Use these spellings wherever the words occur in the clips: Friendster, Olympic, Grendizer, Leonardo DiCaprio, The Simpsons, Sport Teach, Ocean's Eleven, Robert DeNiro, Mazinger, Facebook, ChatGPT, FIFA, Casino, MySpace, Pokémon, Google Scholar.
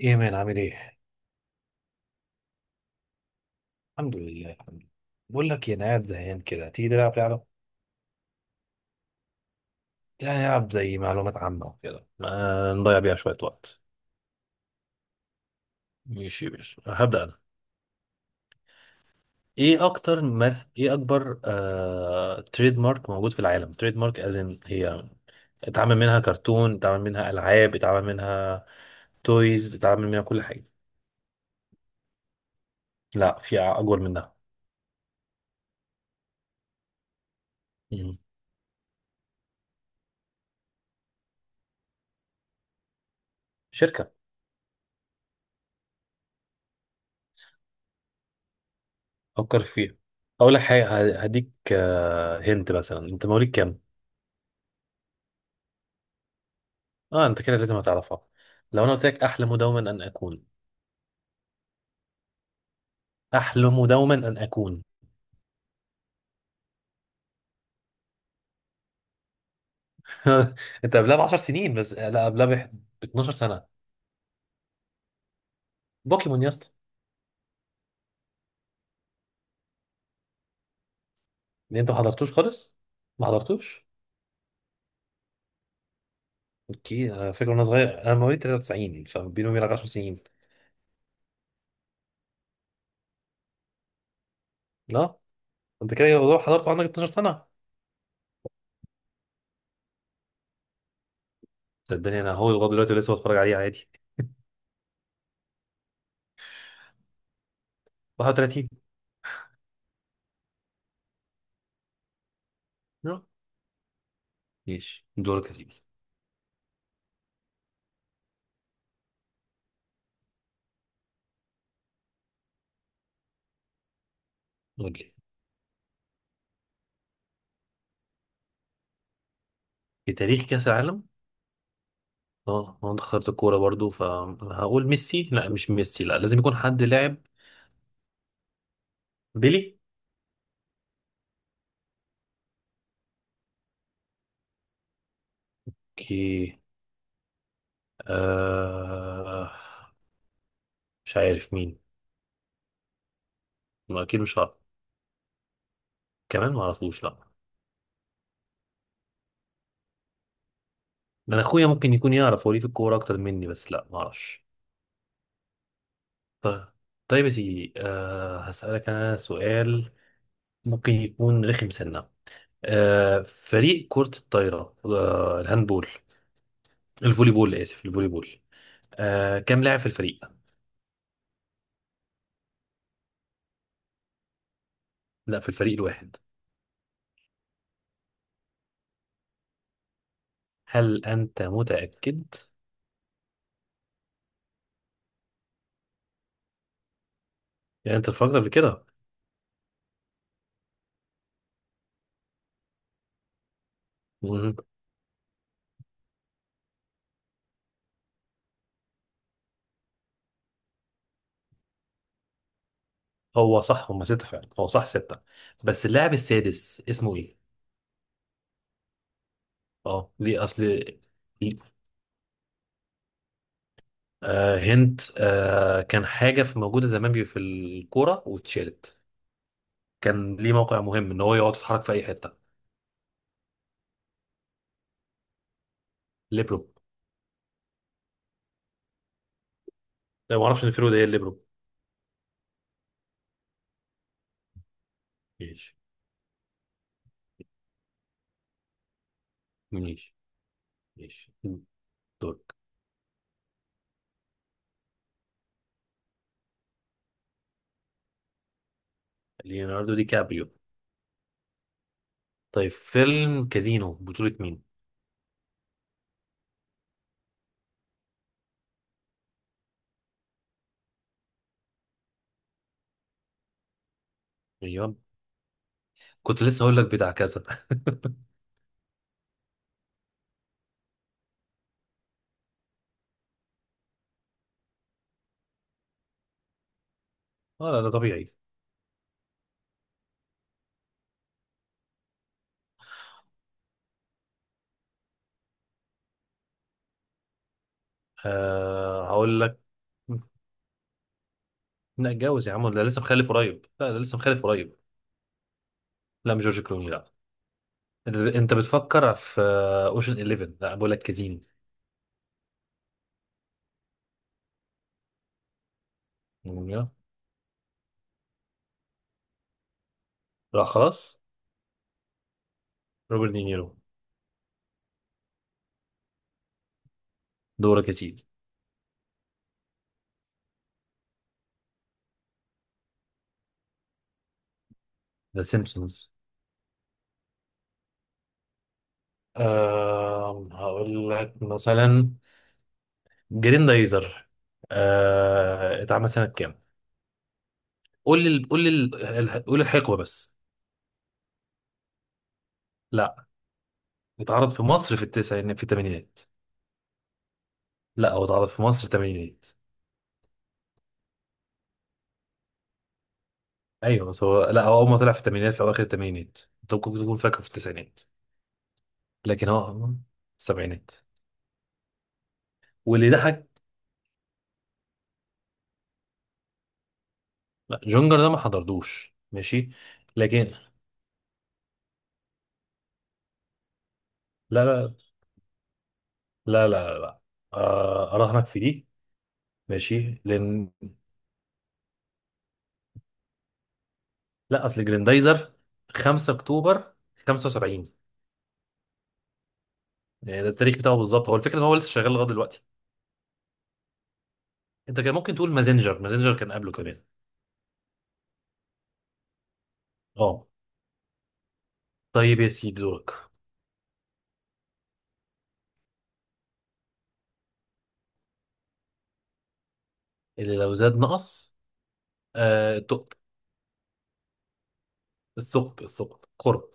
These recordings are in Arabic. ايه يا مان عامل ايه؟ الحمد لله الحمد لله. بقول لك إيه، انا قاعد زهقان كده، تيجي تلعب لعبة؟ يعني نلعب زي معلومات عامة وكده، ما نضيع بيها شوية وقت. ماشي ماشي، هبدأ انا. ايه اكتر ما ايه اكبر تريد مارك موجود في العالم؟ تريد مارك ازن هي، اتعمل منها كرتون، اتعمل منها العاب، اتعمل منها تويز، اتعمل منها كل حاجة. لا، في اكبر منها. مم. شركة. فكر فيها، اقول لك حاجة، هديك. هنت مثلا انت مواليد كام؟ اه، انت كده لازم هتعرفها. لو انا قلت لك احلم دوما ان اكون، احلم دوما ان اكون. انت قبلها ب 10 سنين بس لا قبلها ب 12 سنة سنه. بوكيمون يا اسطى. اللي انت ما حضرتوش خالص، ما حضرتوش. اوكي، انا فاكر وانا صغير، انا مواليد 93، فبيني وبينك 10 سنين. لا، انت كده لو حضرته عندك 12 سنة سنه، صدقني انا هو لغايه دلوقتي لسه بتفرج عليه عادي. 31. لا. ماشي، دورك يا سيدي. قول لي. في تاريخ كاس العالم؟ اه، انا دخلت الكورة برضو، فهقول ميسي، لا مش ميسي، لا، لازم يكون حد لاعب. بيلي. كي. آه، مش عارف مين. ما اكيد مش عارف، كمان ما اعرفوش، لا. انا اخويا ممكن يكون يعرف، هو ليه في الكورة اكتر مني، بس لا ما اعرفش. طيب. طيب يا سيدي، آه هسألك انا سؤال، ممكن يكون رخم سنة. آه، فريق كرة الطايرة، آه الهاندبول، الفولي بول، اسف الفولي بول. آه، كم لاعب في الفريق؟ لا، في الفريق الواحد. هل أنت متأكد؟ يعني أنت اتفرجت قبل كده؟ مم. هو صح، هما ستة فعلا، هو صح ستة. بس اللاعب السادس اسمه إيه؟ أه ليه؟ أصل هنت، كان حاجة في موجودة زمان في الكورة واتشالت، كان ليه موقع مهم إن هو يقعد يتحرك في أي حتة. ليبرو. لا، ما أعرفش إن فيرو ده إيه الليبرو. ماشي. ماشي ماشي. دول. ليوناردو دي كابريو. طيب فيلم كازينو بطولة مين؟ أيوه، كنت لسه هقول لك بتاع كذا. اه لا، ده طبيعي. أه هقول لك. لا اتجوز يا عم، ده لسه مخلف قريب، لا ده لسه مخلف قريب. لا مش جورج كلوني، لا. انت بتفكر في اوشن 11، لا بقول لك كازين. لا خلاص. روبرت دينيرو. دورك يا سيدي. ذا سيمبسونز. أه هقول لك مثلا، جريندايزر، أه اتعمل سنة كام؟ قول لي قول لي، قول الحقبة بس. لا. اتعرض في مصر في التسعينات في الثمانينات. لا، هو اتعرض في مصر الثمانينات. ايوه بس هو، لا هو اول ما طلع في الثمانينات، في اواخر الثمانينات، انت ممكن تكون فاكره في التسعينات. لكن هو السبعينات. واللي ضحك. لا، جونجر ده ما حضرتوش، ماشي. لكن، لا لا, لا. آه، اراهنك في دي. ماشي لان، لا اصل جريندايزر 5 اكتوبر 75، يعني ده التاريخ بتاعه بالظبط، هو الفكره ان هو لسه شغال لغايه دلوقتي. انت كان ممكن تقول مازنجر، مازنجر كان قبله كمان. اه. طيب يا سيدي دورك. اللي لو زاد نقص؟ آه الثقب. الثقب قرب.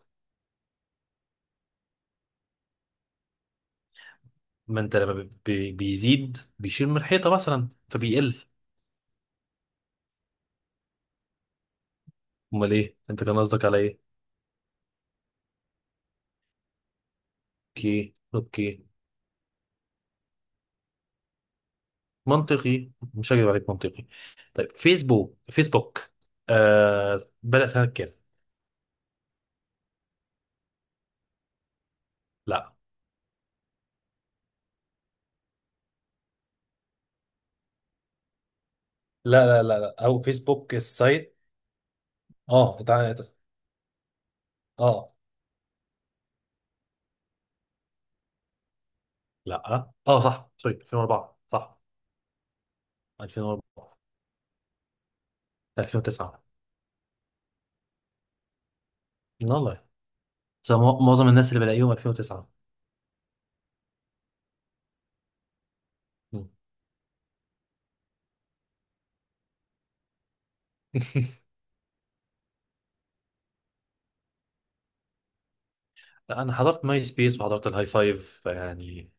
ما انت لما بيزيد بيشيل من الحيطه مثلا فبيقل. امال ايه انت كان قصدك على ايه؟ اوكي اوكي. منطقي، مش هكذب عليك، منطقي. طيب فيسبوك. فيسبوك، آه بدأ سنه كام؟ لا لا لا، او فيسبوك السايت. اه اه. لا اه صح، سوري 2004 صح. 2004. 2009. والله، بس معظم الناس اللي بلاقيهم 2009. مم. لا، انا حضرت ماي سبيس وحضرت الهاي فايف يعني.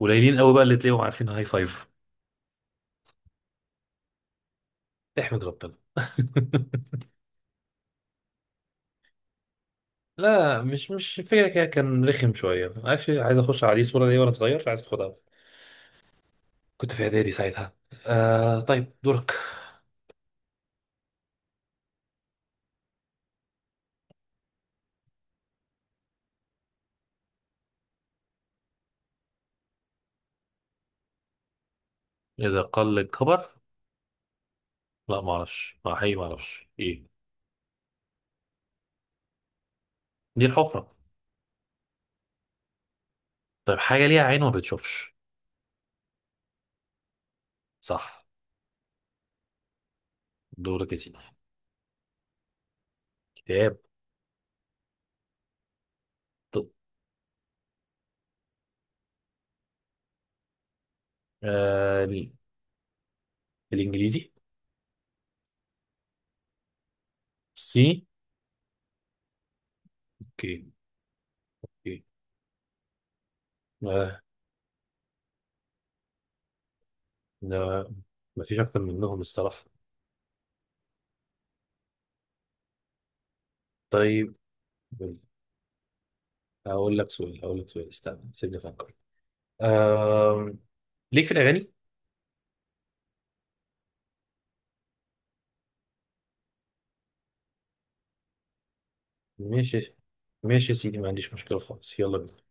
قليلين قوي بقى اللي تلاقيهم عارفين هاي فايف. احمد ربنا. لا، مش فكرة كده، كان رخم شوية، اكشلي عايز اخش عليه صورة ليا وانا صغير، عايز اخدها. كنت في اعدادي ساعتها. آه طيب دورك. اذا قل الكبر؟ لا ما اعرفش، ما حقيقي ما اعرفش ايه. دي الحفرة. طيب حاجة ليها عين ما بتشوفش. صح. دورك يا سيدي. كتاب. طب، آه ال- الانجليزي. سي. اوكي اوكي. آه لا، ما فيش اكتر منهم الصراحة. طيب، هقول لك سؤال، هقول لك سؤال، استنى سيبني افكر. آم... ليك في الاغاني؟ ماشي. ماشي يا سيدي، ما عنديش مشكله خالص، يلا بينا.